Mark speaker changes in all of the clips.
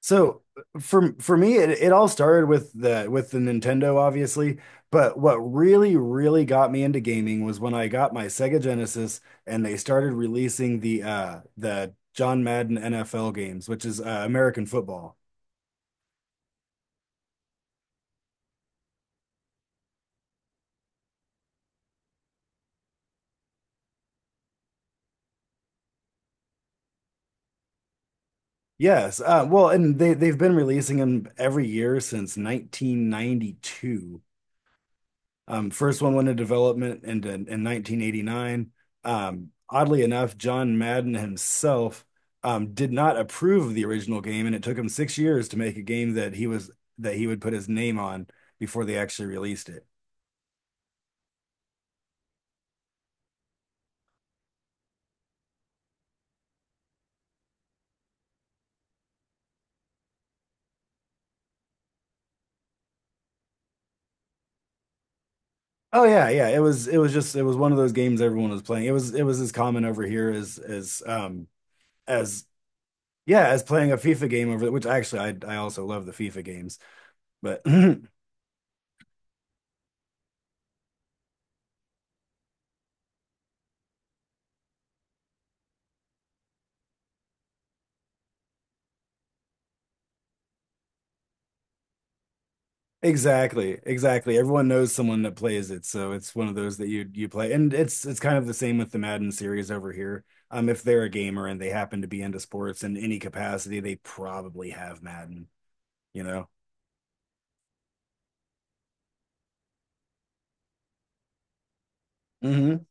Speaker 1: So for me, it all started with the Nintendo, obviously. But what really, really got me into gaming was when I got my Sega Genesis, and they started releasing the John Madden NFL games, which is American football. Yes, well, and they've been releasing them every year since 1992. First one went into development in 1989. Oddly enough, John Madden himself did not approve of the original game, and it took him 6 years to make a game that he was that he would put his name on before they actually released it. Oh yeah, yeah. It was one of those games everyone was playing. It was as common over here as as yeah, as playing a FIFA game over, which actually I also love the FIFA games, but Exactly, exactly. Everyone knows someone that plays it, so it's one of those that you play. And it's kind of the same with the Madden series over here. If they're a gamer and they happen to be into sports in any capacity, they probably have Madden, you know? Hmm.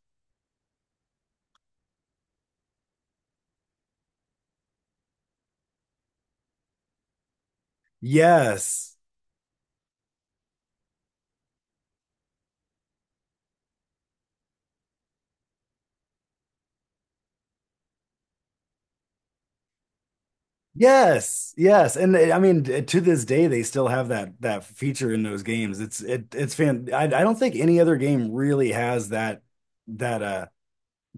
Speaker 1: Yes. Yes. Yes. And I mean, to this day, they still have that feature in those games. It's it it's fan I don't think any other game really has that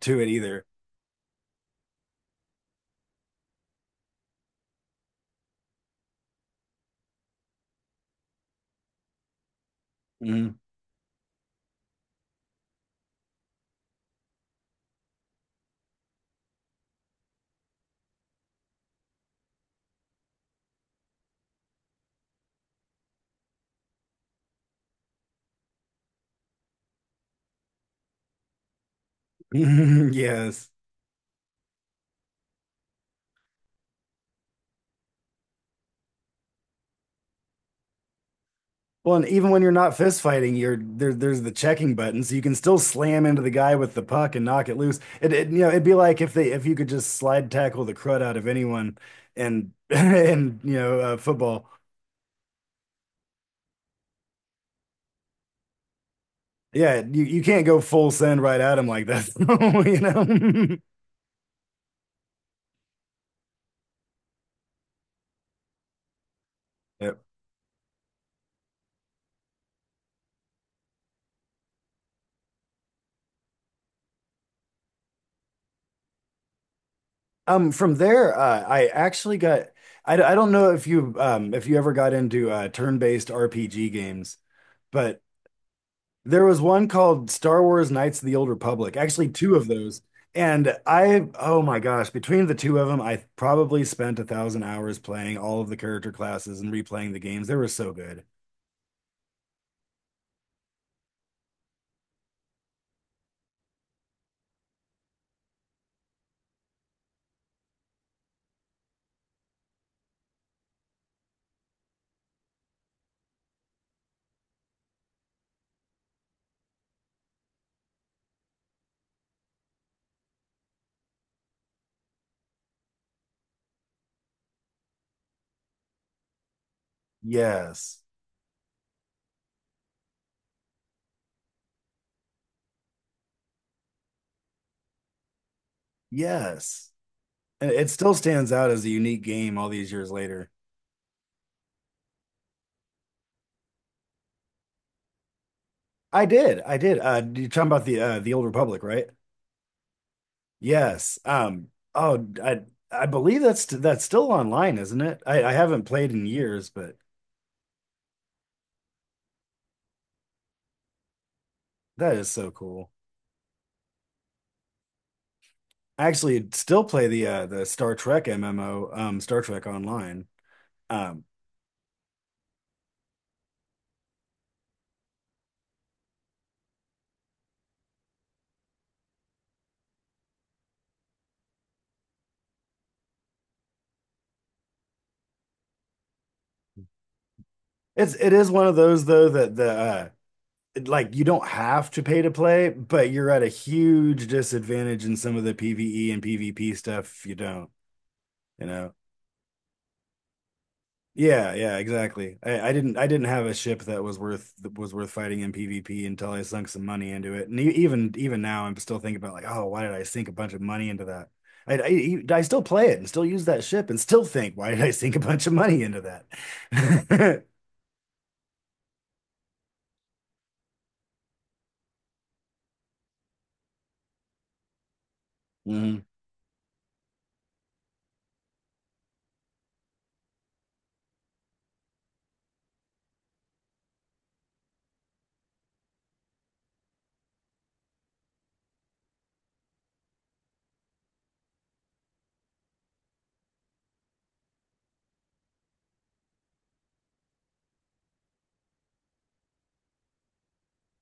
Speaker 1: to it either. Mhm. Yes. Well, and even when you're not fist fighting, there's the checking button, so you can still slam into the guy with the puck and knock it loose. It'd be like if you could just slide tackle the crud out of anyone, and and football. Yeah, you can't go full send right at him like that, you know. Yep. From there, I actually got I don't know if you ever got into turn-based RPG games, but there was one called Star Wars Knights of the Old Republic, actually two of those. And I, oh my gosh, between the two of them, I probably spent a 1,000 hours playing all of the character classes and replaying the games. They were so good. Yes. Yes. And it still stands out as a unique game all these years later. I did. I did. You're talking about the Old Republic, right? Yes. Oh, I believe that's still online, isn't it? I haven't played in years, but that is so cool. I actually still play the Star Trek MMO, um, Star Trek Online. Um it's it is one of those though that like you don't have to pay to play, but you're at a huge disadvantage in some of the PvE and PvP stuff if you don't, you know. Yeah, yeah, exactly. I didn't have a ship that was worth fighting in PvP until I sunk some money into it. And even now I'm still thinking about like, oh, why did I sink a bunch of money into that? I still play it and still use that ship and still think, why did I sink a bunch of money into that? Mhm.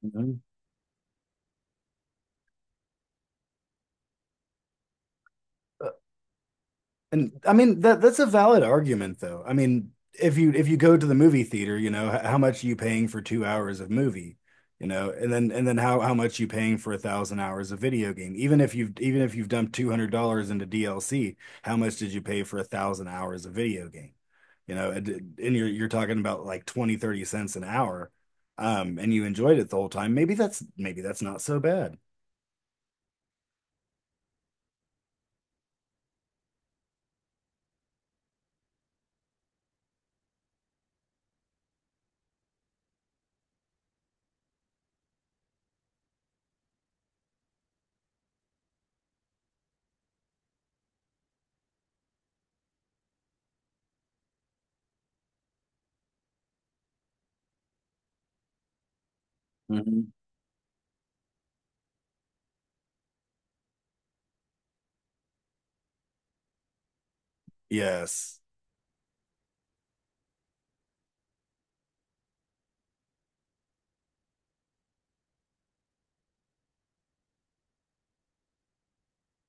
Speaker 1: Mhm. And I mean that's a valid argument though. I mean, if you go to the movie theater, you know, how much are you paying for 2 hours of movie? You know, and then how much you paying for a 1,000 hours of video game? Even if you've dumped $200 into DLC, how much did you pay for a 1,000 hours of video game? You know, and you're talking about like 20, 30 cents an hour, and you enjoyed it the whole time. Maybe that's not so bad. Mhm. Yes.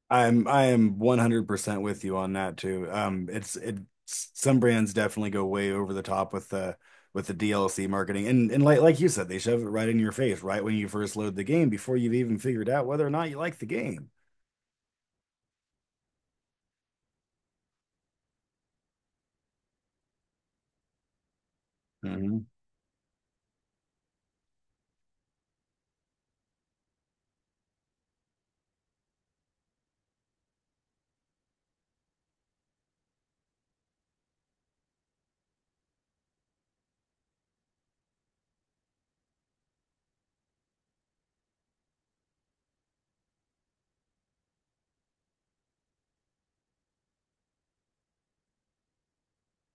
Speaker 1: I am 100% with you on that too. It's it some brands definitely go way over the top with the DLC marketing. And like you said, they shove it right in your face right when you first load the game before you've even figured out whether or not you like the game.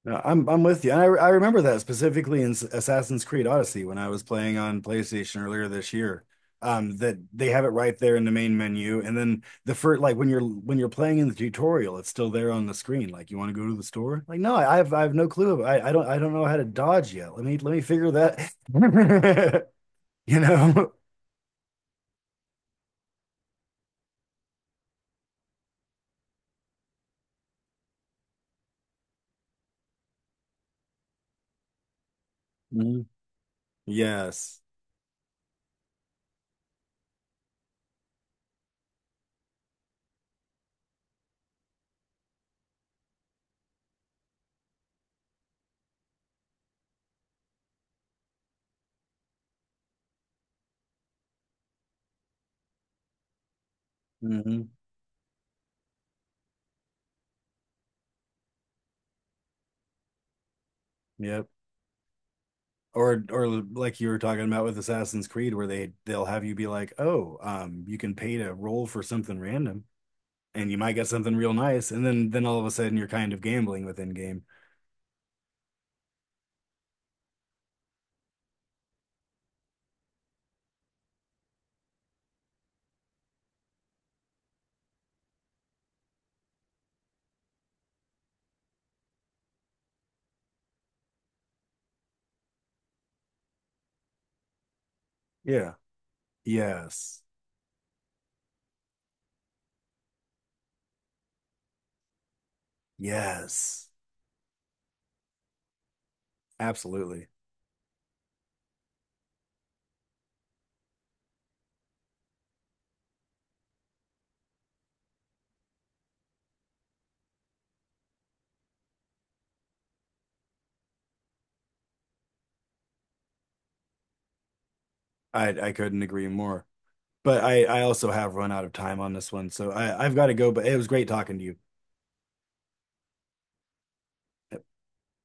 Speaker 1: No, I'm with you. And I remember that specifically in Assassin's Creed Odyssey when I was playing on PlayStation earlier this year. That they have it right there in the main menu, and then the first like when you're playing in the tutorial, it's still there on the screen. Like, you want to go to the store? Like, no, I have no clue. I don't know how to dodge yet. Let me figure that. You know? Mhm. Yes. Hmm. Yep. Or like you were talking about with Assassin's Creed, where they'll have you be like, oh, you can pay to roll for something random, and you might get something real nice, and then all of a sudden you're kind of gambling within game. Yeah. Yes. Yes. Absolutely. I couldn't agree more. But I also have run out of time on this one, so I've got to go. But it was great talking to you.